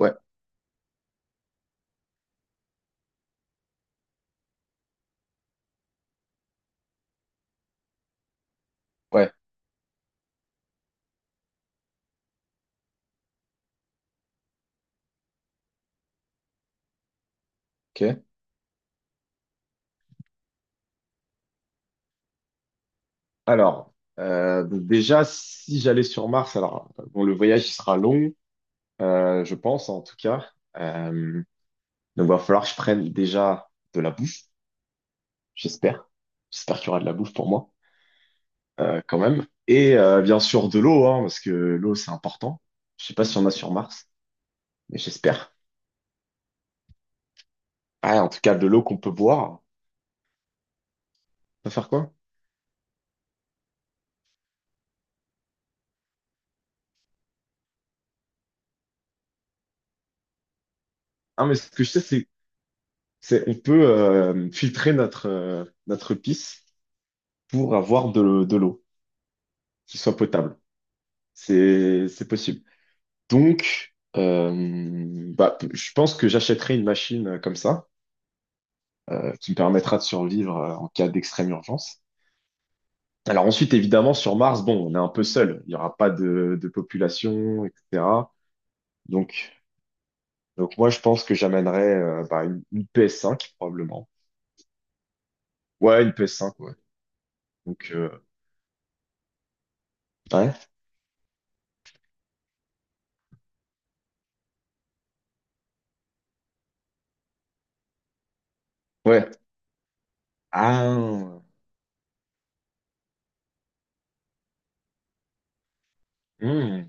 Ouais, ouais, ok. Alors, donc déjà, si j'allais sur Mars, bon, le voyage, il sera long, je pense, en tout cas. Euh, donc, va falloir que je prenne déjà de la bouffe, j'espère. J'espère qu'il y aura de la bouffe pour moi, quand même. Et bien sûr, de l'eau, hein, parce que l'eau, c'est important. Je sais pas si on a sur Mars, mais j'espère. Ah, en tout cas, de l'eau qu'on peut boire. On peut faire quoi? Ah, mais ce que je sais, c'est on peut filtrer notre, notre pisse pour avoir de l'eau qui soit potable. C'est possible. Je pense que j'achèterai une machine comme ça, qui me permettra de survivre en cas d'extrême urgence. Alors ensuite, évidemment, sur Mars, bon, on est un peu seul. Il n'y aura pas de population, etc. Donc, donc moi, je pense que j'amènerai une PS5, probablement. Ouais, une PS5, ouais. Donc, euh, ouais, ouais. Ah, hmm,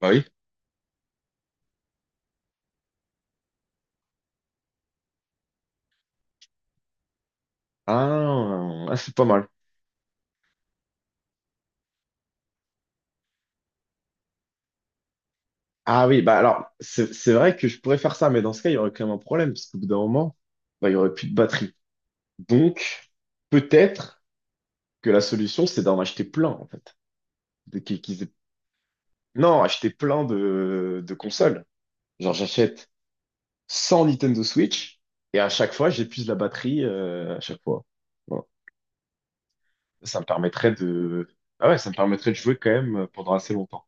bah oui. Ah, ah, c'est pas mal. Ah oui, bah alors, c'est vrai que je pourrais faire ça, mais dans ce cas, il y aurait quand même un problème, parce qu'au bout d'un moment, bah, il y aurait plus de batterie. Donc, peut-être que la solution, c'est d'en acheter plein, en fait. De, qu'ils- qu'ils aient- Non, acheter plein de consoles. Genre, j'achète 100 Nintendo Switch, et à chaque fois, j'épuise la batterie, à chaque fois. Voilà. Ça me permettrait de... Ah ouais, ça me permettrait de jouer quand même pendant assez longtemps.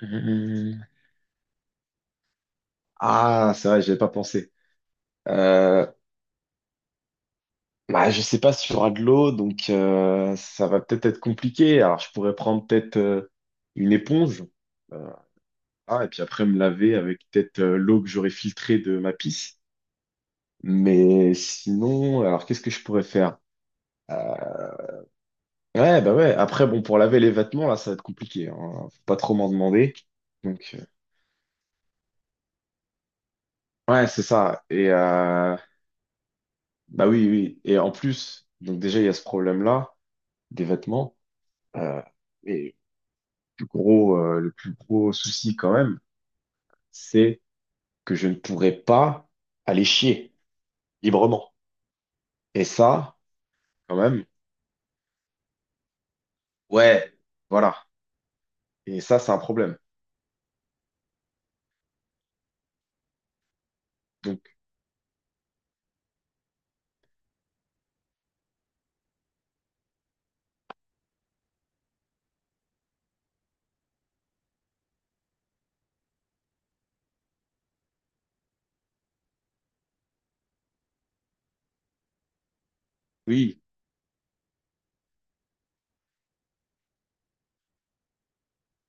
Hum, hum, hum. Ah, c'est vrai, j'avais pas pensé. Euh, Bah, je sais pas s'il y aura de l'eau donc ça va peut-être être compliqué. Alors, je pourrais prendre peut-être une éponge, euh, ah, et puis après me laver avec peut-être l'eau que j'aurais filtrée de ma pisse. Mais sinon, alors qu'est-ce que je pourrais faire? Ouais, bah ouais. Après, bon, pour laver les vêtements, là, ça va être compliqué, hein. Faut pas trop m'en demander. Donc, euh, ouais, c'est ça. Et bah oui, oui. Et en plus, donc déjà, il y a ce problème-là des vêtements. Euh, et le plus gros, le plus gros souci quand même, c'est que je ne pourrais pas aller chier librement. Et ça, quand même, ouais, voilà. Et ça, c'est un problème. Donc, oui,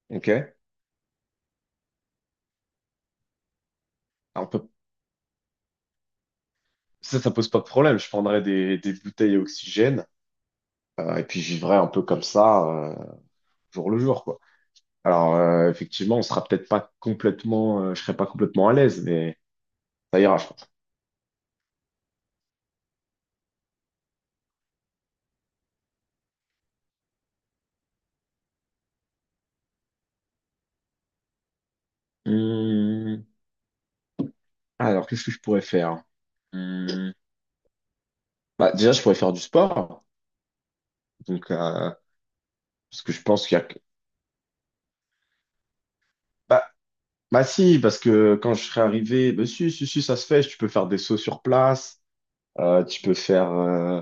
ok. On peut... Ça pose pas de problème. Je prendrais des bouteilles à oxygène et puis je vivrais un peu comme ça, jour le jour, quoi. Effectivement, on sera peut-être pas complètement, je serai pas complètement à l'aise, mais ça ira, je pense. Hum. Alors, qu'est-ce que je pourrais faire? Hum. Bah, déjà, je pourrais faire du sport. Donc, euh, Parce que je pense qu'il y a... Bah si, parce que quand je serai arrivé, bah si, si, si, ça se fait, tu peux faire des sauts sur place, tu peux faire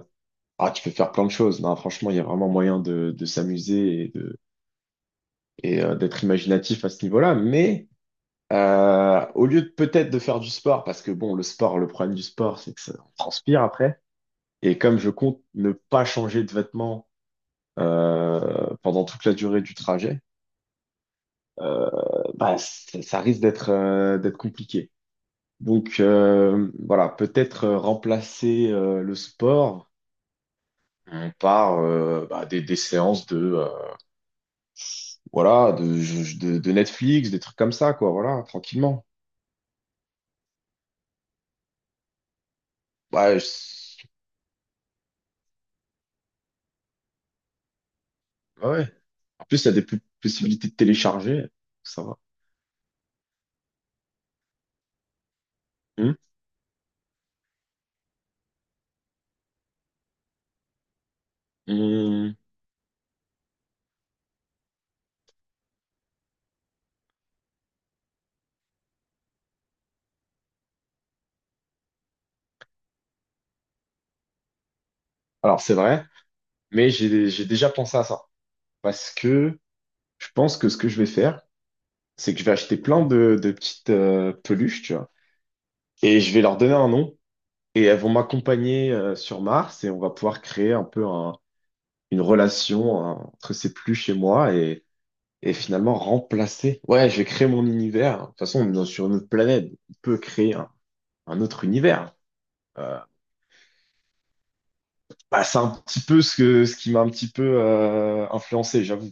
ah, tu peux faire plein de choses. Non, franchement, il y a vraiment moyen de s'amuser et de et d'être imaginatif à ce niveau-là. Mais au lieu de peut-être de faire du sport, parce que bon, le sport, le problème du sport, c'est que ça on transpire après. Et comme je compte ne pas changer de vêtements pendant toute la durée du trajet, euh, bah, ça risque d'être compliqué. Voilà, peut-être remplacer le sport par des séances de voilà de Netflix, des trucs comme ça quoi, voilà, tranquillement. Ouais, je- ouais, ouais. En plus, il y a des p- possibilités de télécharger, ça va. Hum, hum. Alors c'est vrai, mais j'ai déjà pensé à ça parce que je pense que ce que je vais faire, c'est que je vais acheter plein de petites peluches, tu vois, et je vais leur donner un nom, et elles vont m'accompagner sur Mars et on va pouvoir créer un peu une relation hein, entre ces pluches et moi et finalement remplacer. Ouais, je vais créer mon univers. De toute façon, sur une autre planète. On peut créer un autre univers. Euh, Bah, c'est un petit peu ce que, ce qui m'a un petit peu influencé, j'avoue.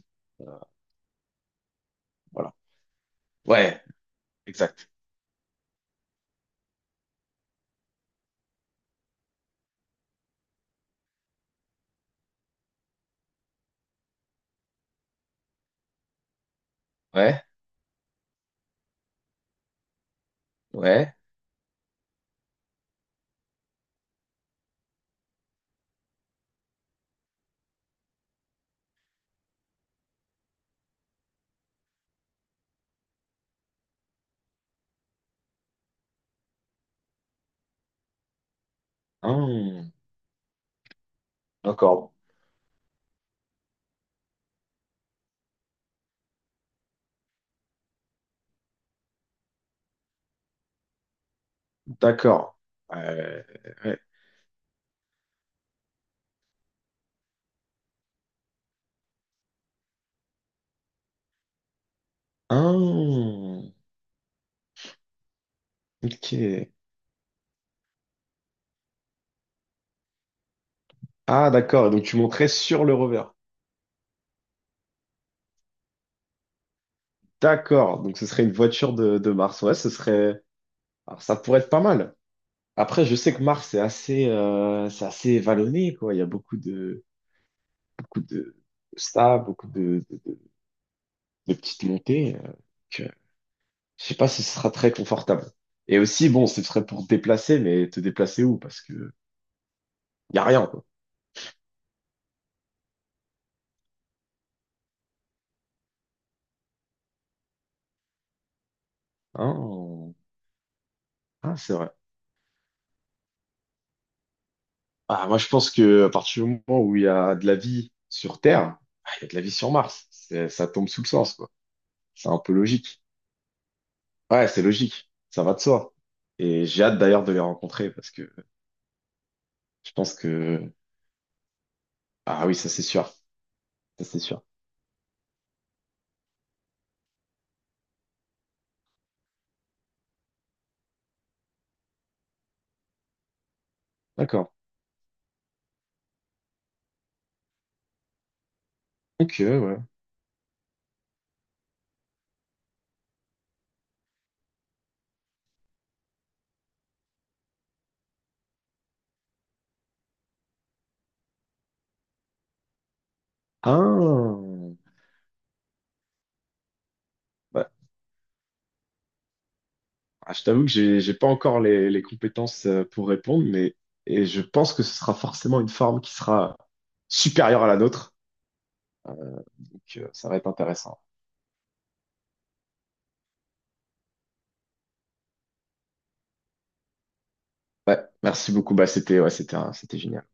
Voilà. Ouais, exact. Ouais, ouais. Hum, d'accord, d'accord. Euh, ouais. Hum, ok. Ah, d'accord. Et donc, tu montrais sur le rover. D'accord, donc ce serait une voiture de Mars. Ouais, ce serait. Alors, ça pourrait être pas mal. Après, je sais que Mars, c'est assez vallonné, quoi. Il y a beaucoup de stars, beaucoup de petites montées. Que je sais pas si ce sera très confortable. Et aussi, bon, ce serait pour te déplacer, mais te déplacer où? Parce que y a rien, quoi. Hein, on- hein, c'est vrai. Ah, moi, je pense que à partir du moment où il y a de la vie sur Terre, ah, il y a de la vie sur Mars. Ça tombe sous le sens, quoi. C'est un peu logique. Ouais, c'est logique, ça va de soi. Et j'ai hâte d'ailleurs de les rencontrer parce que je pense que... Ah oui, ça c'est sûr, ça c'est sûr. D'accord. Ok, ouais. Ah, bah, je t'avoue que j'ai pas encore les compétences pour répondre, mais et je pense que ce sera forcément une forme qui sera supérieure à la nôtre. Ça va être intéressant. Ouais, merci beaucoup. Bah, c'était ouais, c'était c'était génial.